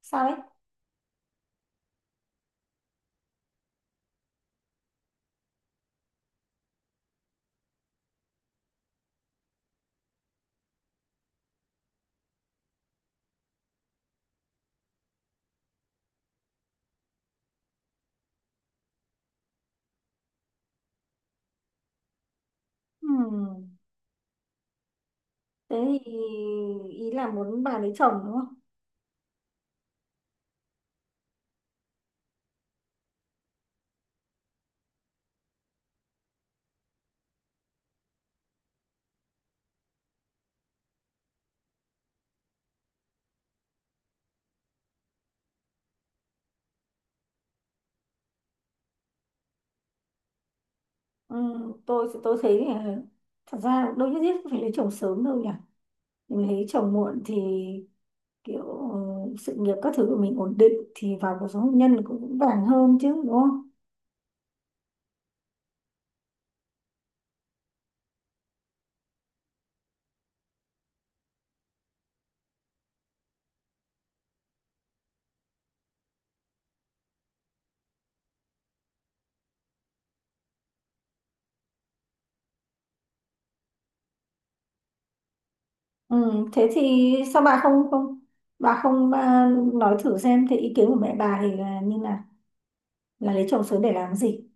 Sao đấy? Ừm, thế thì ý là muốn bà lấy chồng đúng không? Tôi thấy là thật ra đâu nhất thiết phải lấy chồng sớm đâu nhỉ. Mình lấy chồng muộn thì kiểu, ừ, sự nghiệp các thứ của mình ổn định thì vào cuộc sống hôn nhân cũng vững vàng hơn chứ, đúng không? Thế thì sao bà không không bà không, nói thử xem thì ý kiến của mẹ bà thì là như là lấy chồng sớm để làm gì?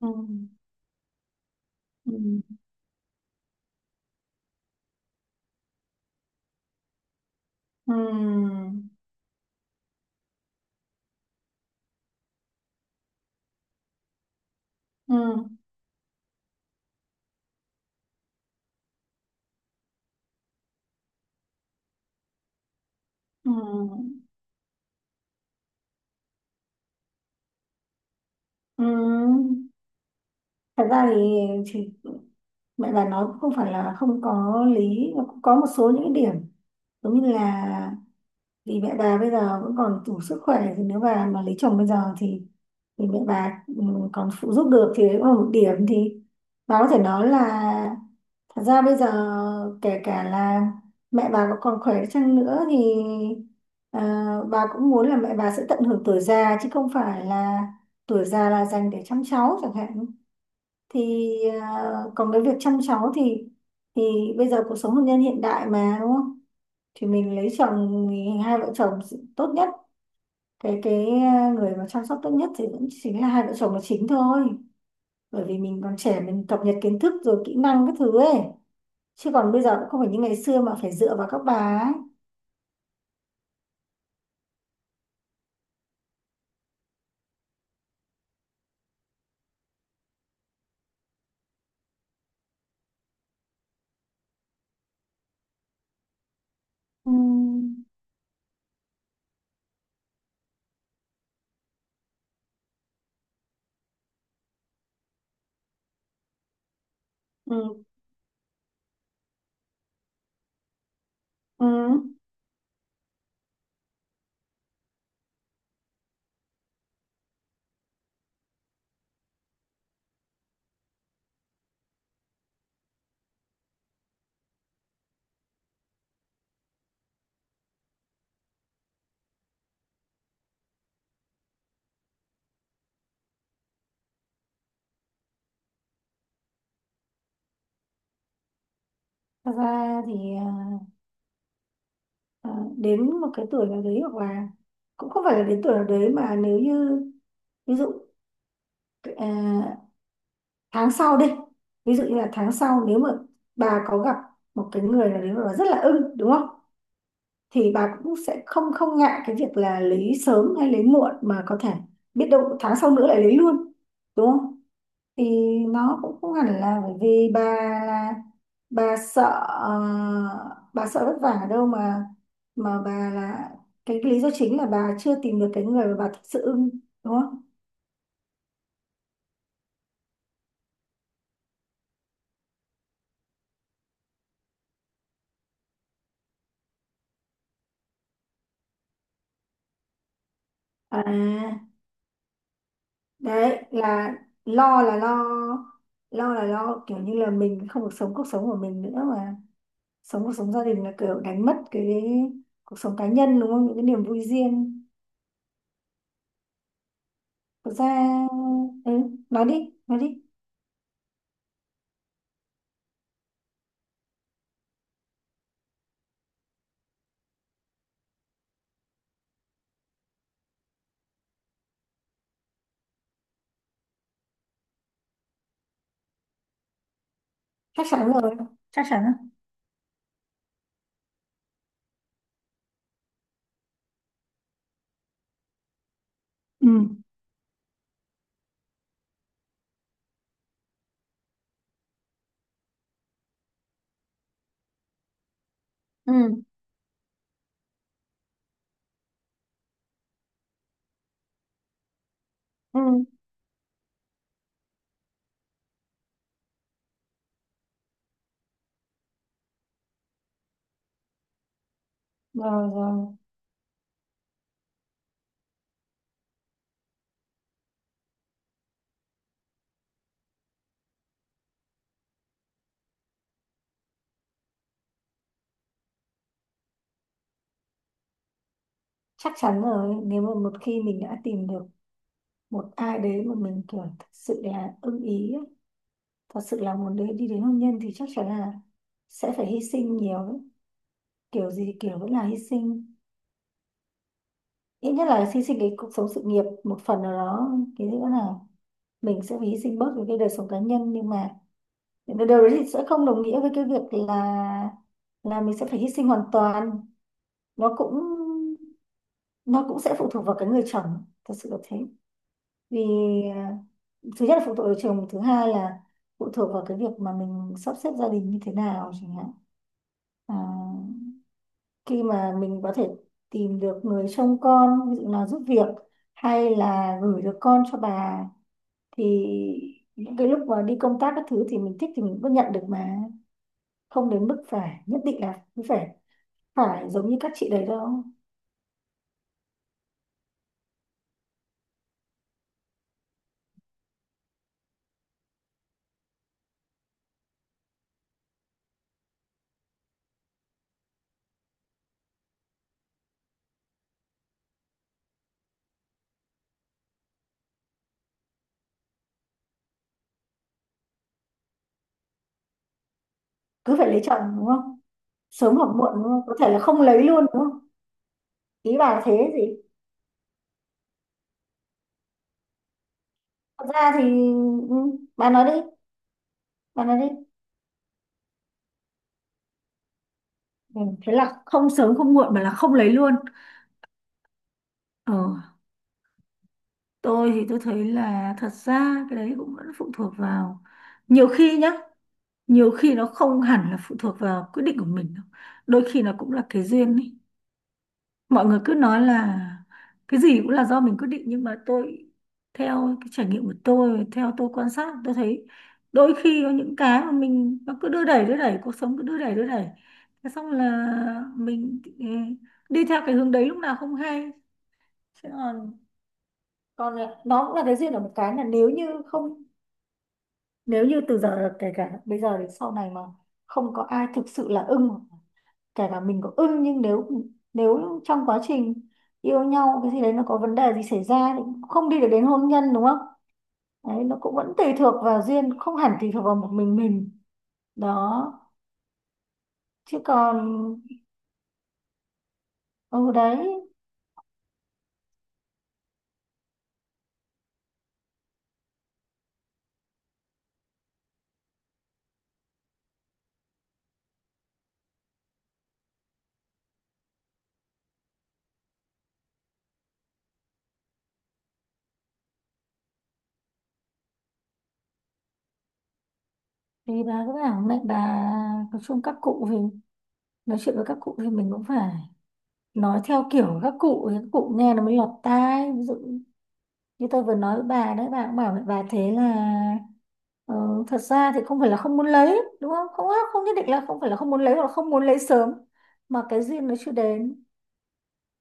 Ừm. Ừm. Ừm. Ừm. Ừm. Ừm. Thật ra thì mẹ bà nói cũng không phải là không có lý, nó cũng có một số những cái điểm giống như là vì mẹ bà bây giờ vẫn còn đủ sức khỏe, thì nếu bà mà lấy chồng bây giờ thì mẹ bà, còn phụ giúp được, thì đấy cũng là một điểm. Thì bà có thể nói là thật ra bây giờ kể cả là mẹ bà có còn khỏe chăng nữa thì, bà cũng muốn là mẹ bà sẽ tận hưởng tuổi già chứ không phải là tuổi già là dành để chăm cháu chẳng hạn. Thì, à, còn cái việc chăm cháu thì bây giờ cuộc sống hôn nhân hiện đại mà đúng không? Thì mình lấy chồng thì hai vợ chồng tốt nhất, người mà chăm sóc tốt nhất thì vẫn chính là hai vợ chồng là chính thôi. Bởi vì mình còn trẻ, mình cập nhật kiến thức rồi kỹ năng các thứ ấy, chứ còn bây giờ cũng không phải như ngày xưa mà phải dựa vào các bà ấy. Ừ. Ừ. Ừ. Thật ra thì, à, đến một cái tuổi nào đấy hoặc là cũng không phải là đến tuổi nào đấy mà nếu như, ví dụ, ờ, tháng sau đi, ví dụ như là tháng sau nếu mà bà có gặp một cái người là nếu mà bà rất là ưng đúng không, thì bà cũng sẽ không không ngại cái việc là lấy sớm hay lấy muộn, mà có thể biết đâu tháng sau nữa lại lấy luôn, đúng không? Thì nó cũng không hẳn là bởi vì bà là bà sợ, ờ, bà sợ vất vả ở đâu mà bà là cái lý do chính là bà chưa tìm được cái người mà bà thực sự ưng, đúng không? À, đấy là lo là lo, lo là lo kiểu như là mình không được sống cuộc sống của mình nữa mà sống cuộc sống gia đình là kiểu đánh mất cái cuộc sống cá nhân đúng không, những cái niềm vui riêng. Thực ra, ừ, nói đi. Chắc chắn rồi. Chắc chắn rồi. Ừ. Ừ. Ừ. Rồi rồi. Chắc chắn rồi, nếu mà một khi mình đã tìm được một ai đấy mà mình kiểu thật sự là ưng ý ấy, thật sự là muốn đấy đi đến hôn nhân thì chắc chắn là sẽ phải hy sinh nhiều. Kiểu gì kiểu vẫn là hy sinh, ít nhất là hy sinh cái cuộc sống sự nghiệp một phần nào đó. Cái nữa là mình sẽ phải hy sinh bớt những cái đời sống cá nhân, nhưng mà điều đấy thì sẽ không đồng nghĩa với cái việc là mình sẽ phải hy sinh hoàn toàn. Nó cũng nó cũng sẽ phụ thuộc vào cái người chồng thật sự là thế. Vì, à, thứ nhất là phụ thuộc vào chồng, thứ hai là phụ thuộc vào cái việc mà mình sắp xếp gia đình như thế nào chẳng hạn. À, khi mà mình có thể tìm được người trông con, ví dụ là giúp việc hay là gửi được con cho bà, thì những cái lúc mà đi công tác các thứ thì mình thích thì mình vẫn nhận được mà, không đến mức phải nhất định là cứ phải phải giống như các chị đấy đâu. Cứ phải lấy chồng đúng không, sớm hoặc muộn, đúng không, có thể là không lấy luôn, đúng không? Ý bà là thế gì? Thật ra thì, ừ, bà nói đi. Bà nói đi. Ừ, thế là không sớm không muộn mà là không lấy luôn. Ờ, tôi thì tôi thấy là thật ra cái đấy cũng vẫn phụ thuộc vào, nhiều khi nhá, nhiều khi nó không hẳn là phụ thuộc vào quyết định của mình đâu. Đôi khi nó cũng là cái duyên ấy. Mọi người cứ nói là cái gì cũng là do mình quyết định, nhưng mà tôi, theo cái trải nghiệm của tôi, theo tôi quan sát, tôi thấy đôi khi có những cái mà mình nó cứ đưa đẩy đưa đẩy, cuộc sống cứ đưa đẩy đưa đẩy, thế xong là mình, đi theo cái hướng đấy lúc nào không hay. Thế còn còn là- nó cũng là cái duyên ở một cái là nếu như không, nếu như từ giờ kể cả bây giờ đến sau này mà không có ai thực sự là ưng, kể cả mình có ưng nhưng nếu, nếu trong quá trình yêu nhau cái gì đấy nó có vấn đề gì xảy ra thì cũng không đi được đến hôn nhân, đúng không? Đấy, nó cũng vẫn tùy thuộc vào duyên, không hẳn tùy thuộc vào một mình mình. Đó. Chứ còn, ừ, đấy thì bà cứ bảo mẹ bà, nói chung các cụ thì, nói chuyện với các cụ thì mình cũng phải nói theo kiểu các cụ ấy, các cụ nghe nó mới lọt tai. Ví dụ như tôi vừa nói với bà đấy, bà cũng bảo với bà thế là, ờ, thật ra thì không phải là không muốn lấy đúng không, không không nhất định là không phải là không muốn lấy hoặc là không muốn lấy sớm mà cái duyên nó chưa đến.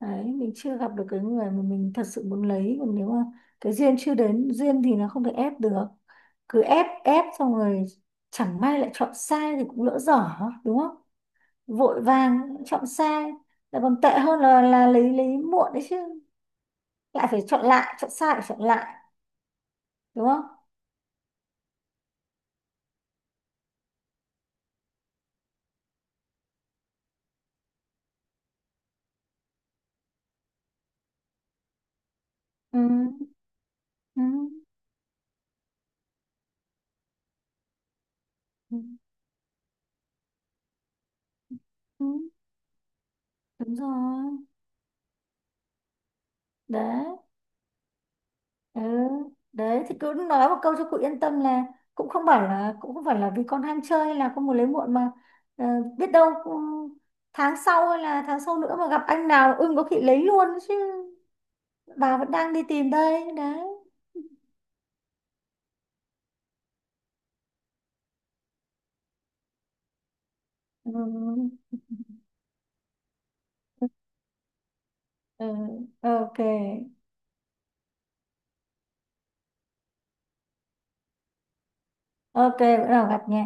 Đấy, mình chưa gặp được cái người mà mình thật sự muốn lấy, còn nếu mà cái duyên chưa đến, duyên thì nó không thể ép được. Cứ ép ép xong rồi chẳng may lại chọn sai thì cũng lỡ dở, đúng không? Vội vàng chọn sai lại còn tệ hơn là là lấy muộn đấy chứ. Lại phải chọn lại, chọn sai phải chọn lại, đúng không? Ừ. Ừ. Ừ. Ừ. Đúng rồi đấy. Ừ. Đấy thì cứ nói một câu cho cụ yên tâm là cũng không phải là cũng không phải là vì con ham chơi hay là con muốn lấy muộn mà, ờ, biết đâu cũng- tháng sau hay là tháng sau nữa mà gặp anh nào ưng có khi lấy luôn chứ. Bà vẫn đang đi tìm đây đấy. Ừ. Ừ. Ừ, ok. Ok, bữa nào gặp nha.